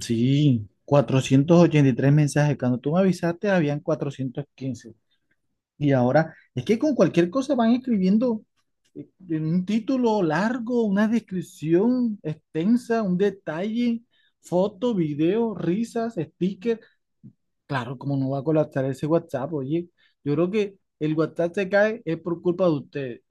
Sí, 483 mensajes. Cuando tú me avisaste, habían 415. Y ahora, es que con cualquier cosa van escribiendo, eh, un título largo, una descripción extensa, un detalle, foto, video, risas, sticker. Claro, como no va a colapsar ese WhatsApp, oye. Yo creo que el WhatsApp se cae es por culpa de ustedes.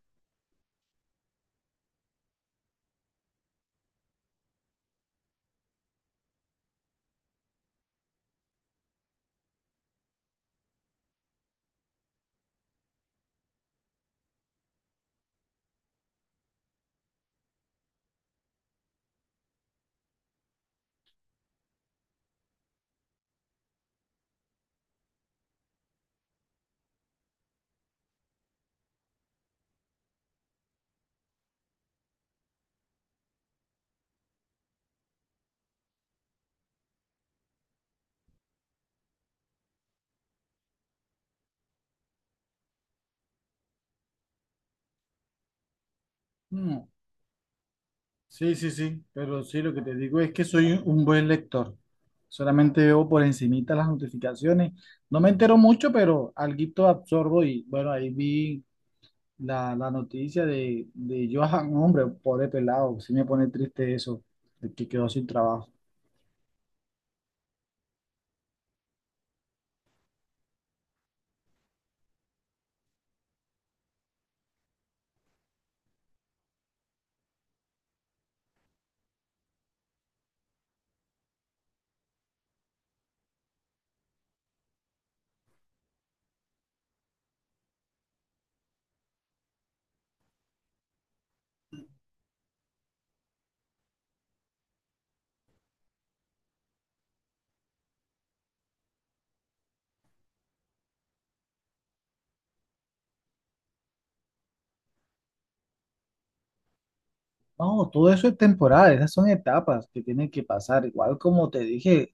Mm. Sí, sí, sí, pero sí, lo que te digo es que soy un buen lector. Solamente veo por encimita las notificaciones. No me entero mucho, pero alguito absorbo y bueno, ahí vi la noticia de Johan, hombre, pobre pelado, sí me pone triste eso, de que quedó sin trabajo. No, todo eso es temporal, esas son etapas que tienen que pasar. Igual como te dije,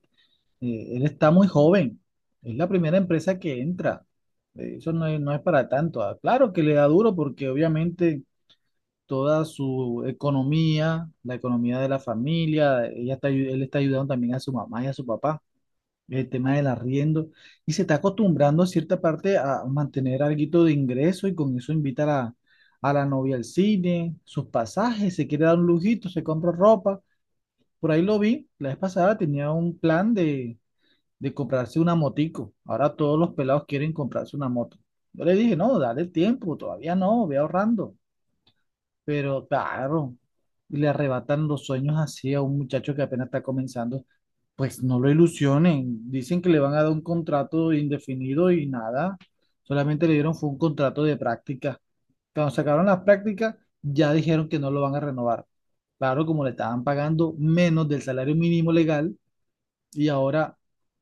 él está muy joven, es la primera empresa que entra. Eso no es para tanto. Ah, claro que le da duro porque obviamente toda su economía, la economía de la familia, él está ayudando también a su mamá y a su papá, el tema del arriendo, y se está acostumbrando a cierta parte a mantener algo de ingreso y con eso invitar a la novia al cine, sus pasajes, se quiere dar un lujito, se compra ropa, por ahí lo vi, la vez pasada tenía un plan de comprarse una motico, ahora todos los pelados quieren comprarse una moto. Yo le dije, no, dale tiempo, todavía no, ve ahorrando. Pero claro, y le arrebatan los sueños así a un muchacho que apenas está comenzando, pues no lo ilusionen. Dicen que le van a dar un contrato indefinido y nada. Solamente le dieron fue un contrato de práctica. Cuando sacaron las prácticas, ya dijeron que no lo van a renovar. Claro, como le estaban pagando menos del salario mínimo legal y ahora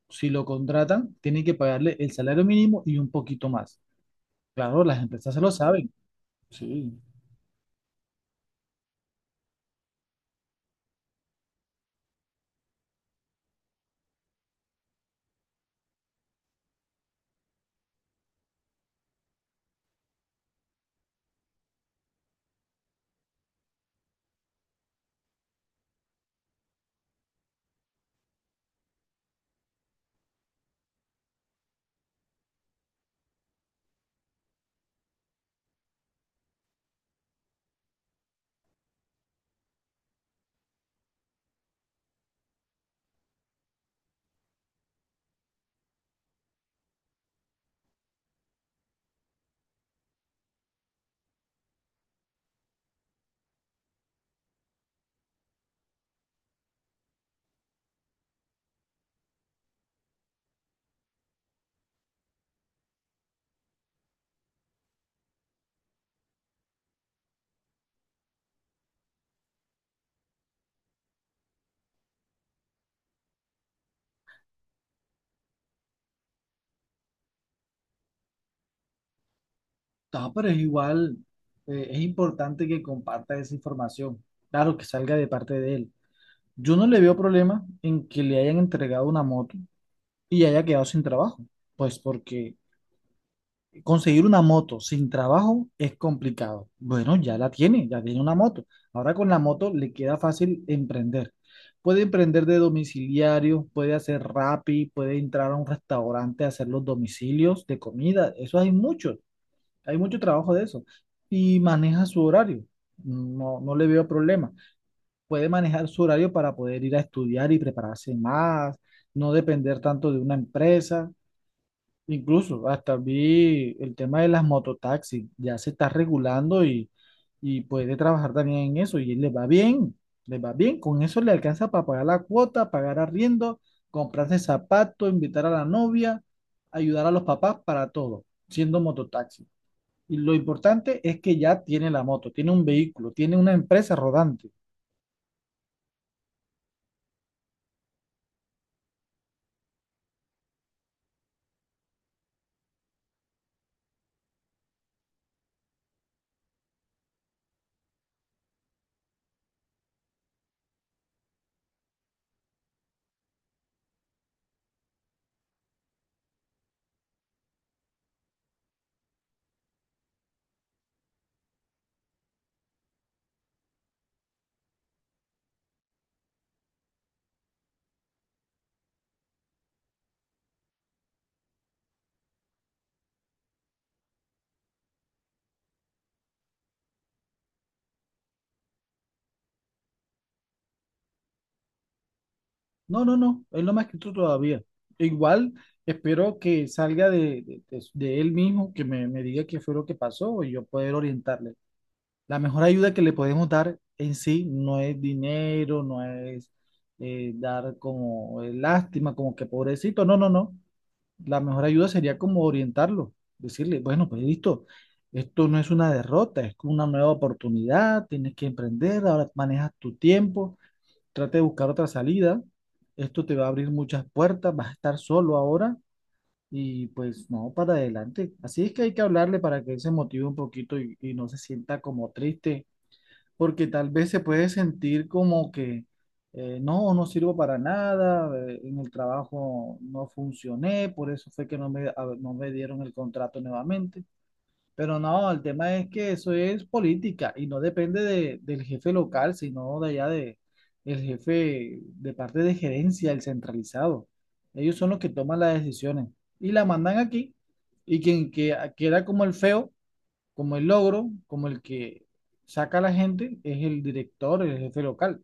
si lo contratan, tienen que pagarle el salario mínimo y un poquito más. Claro, las empresas se lo saben. Sí. No, pero es igual, es importante que comparta esa información. Claro, que salga de parte de él. Yo no le veo problema en que le hayan entregado una moto y haya quedado sin trabajo. Pues porque conseguir una moto sin trabajo es complicado. Bueno, ya la tiene, ya tiene una moto. Ahora con la moto le queda fácil emprender. Puede emprender de domiciliario, puede hacer Rappi, puede entrar a un restaurante a hacer los domicilios de comida. Eso hay muchos. Hay mucho trabajo de eso. Y maneja su horario. No, no le veo problema. Puede manejar su horario para poder ir a estudiar y prepararse más, no depender tanto de una empresa. Incluso hasta vi el tema de las mototaxis. Ya se está regulando y puede trabajar también en eso. Y le va bien, le va bien. Con eso le alcanza para pagar la cuota, pagar arriendo, comprarse zapatos, invitar a la novia, ayudar a los papás para todo, siendo mototaxi. Y lo importante es que ya tiene la moto, tiene un vehículo, tiene una empresa rodante. No, no, no, él no me ha escrito todavía. Igual espero que salga de él mismo, que me diga qué fue lo que pasó y yo poder orientarle. La mejor ayuda que le podemos dar en sí no es dinero, no es dar como lástima, como que pobrecito, no, no, no. La mejor ayuda sería como orientarlo, decirle, bueno, pues listo, esto no es una derrota, es una nueva oportunidad, tienes que emprender, ahora manejas tu tiempo, trata de buscar otra salida, esto te va a abrir muchas puertas, vas a estar solo ahora y pues no, para adelante. Así es que hay que hablarle para que él se motive un poquito y no se sienta como triste porque tal vez se puede sentir como que no, no sirvo para nada, en el trabajo no funcioné, por eso fue que no me dieron el contrato nuevamente. Pero no, el tema es que eso es política y no depende del jefe local, sino de allá del jefe de parte de gerencia, el centralizado. Ellos son los que toman las decisiones y la mandan aquí y queda como el feo, como el logro, como el que saca a la gente, es el director, el jefe local.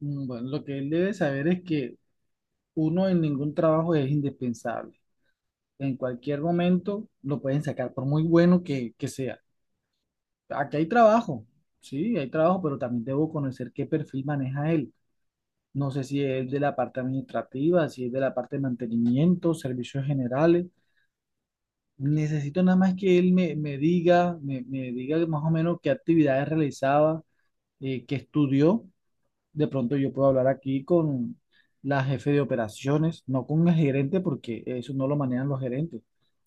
Bueno, lo que él debe saber es que uno en ningún trabajo es indispensable. En cualquier momento lo pueden sacar, por muy bueno que sea. Aquí hay trabajo, sí, hay trabajo, pero también debo conocer qué perfil maneja él. No sé si es de la parte administrativa, si es de la parte de mantenimiento, servicios generales. Necesito nada más que él me diga, me diga más o menos qué actividades realizaba, que estudió. De pronto yo puedo hablar aquí con la jefe de operaciones, no con el gerente, porque eso no lo manejan los gerentes.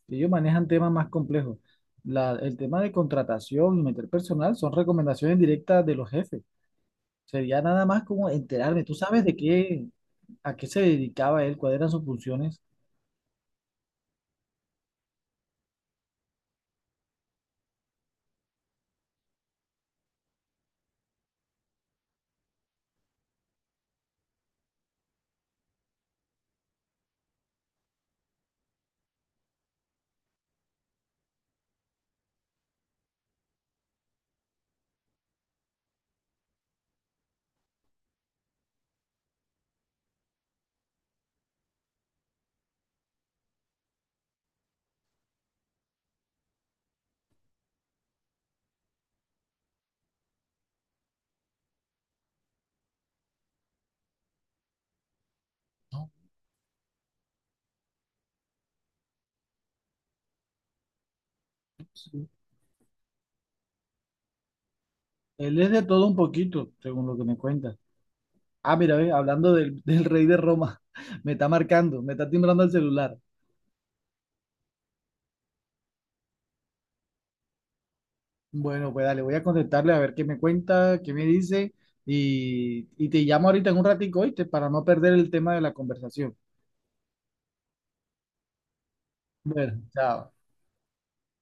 Ellos manejan temas más complejos. El tema de contratación y meter personal son recomendaciones directas de los jefes. Sería nada más como enterarme. ¿Tú sabes de qué, a qué se dedicaba él, cuáles eran sus funciones? No, sí. Él es de todo un poquito, según lo que me cuentas. Ah, mira, ve, hablando del rey de Roma, me está marcando, me está timbrando el celular. Bueno, pues dale, voy a contestarle a ver qué me cuenta, qué me dice y te llamo ahorita en un ratico, ¿oíste? Para no perder el tema de la conversación. Bueno, chao.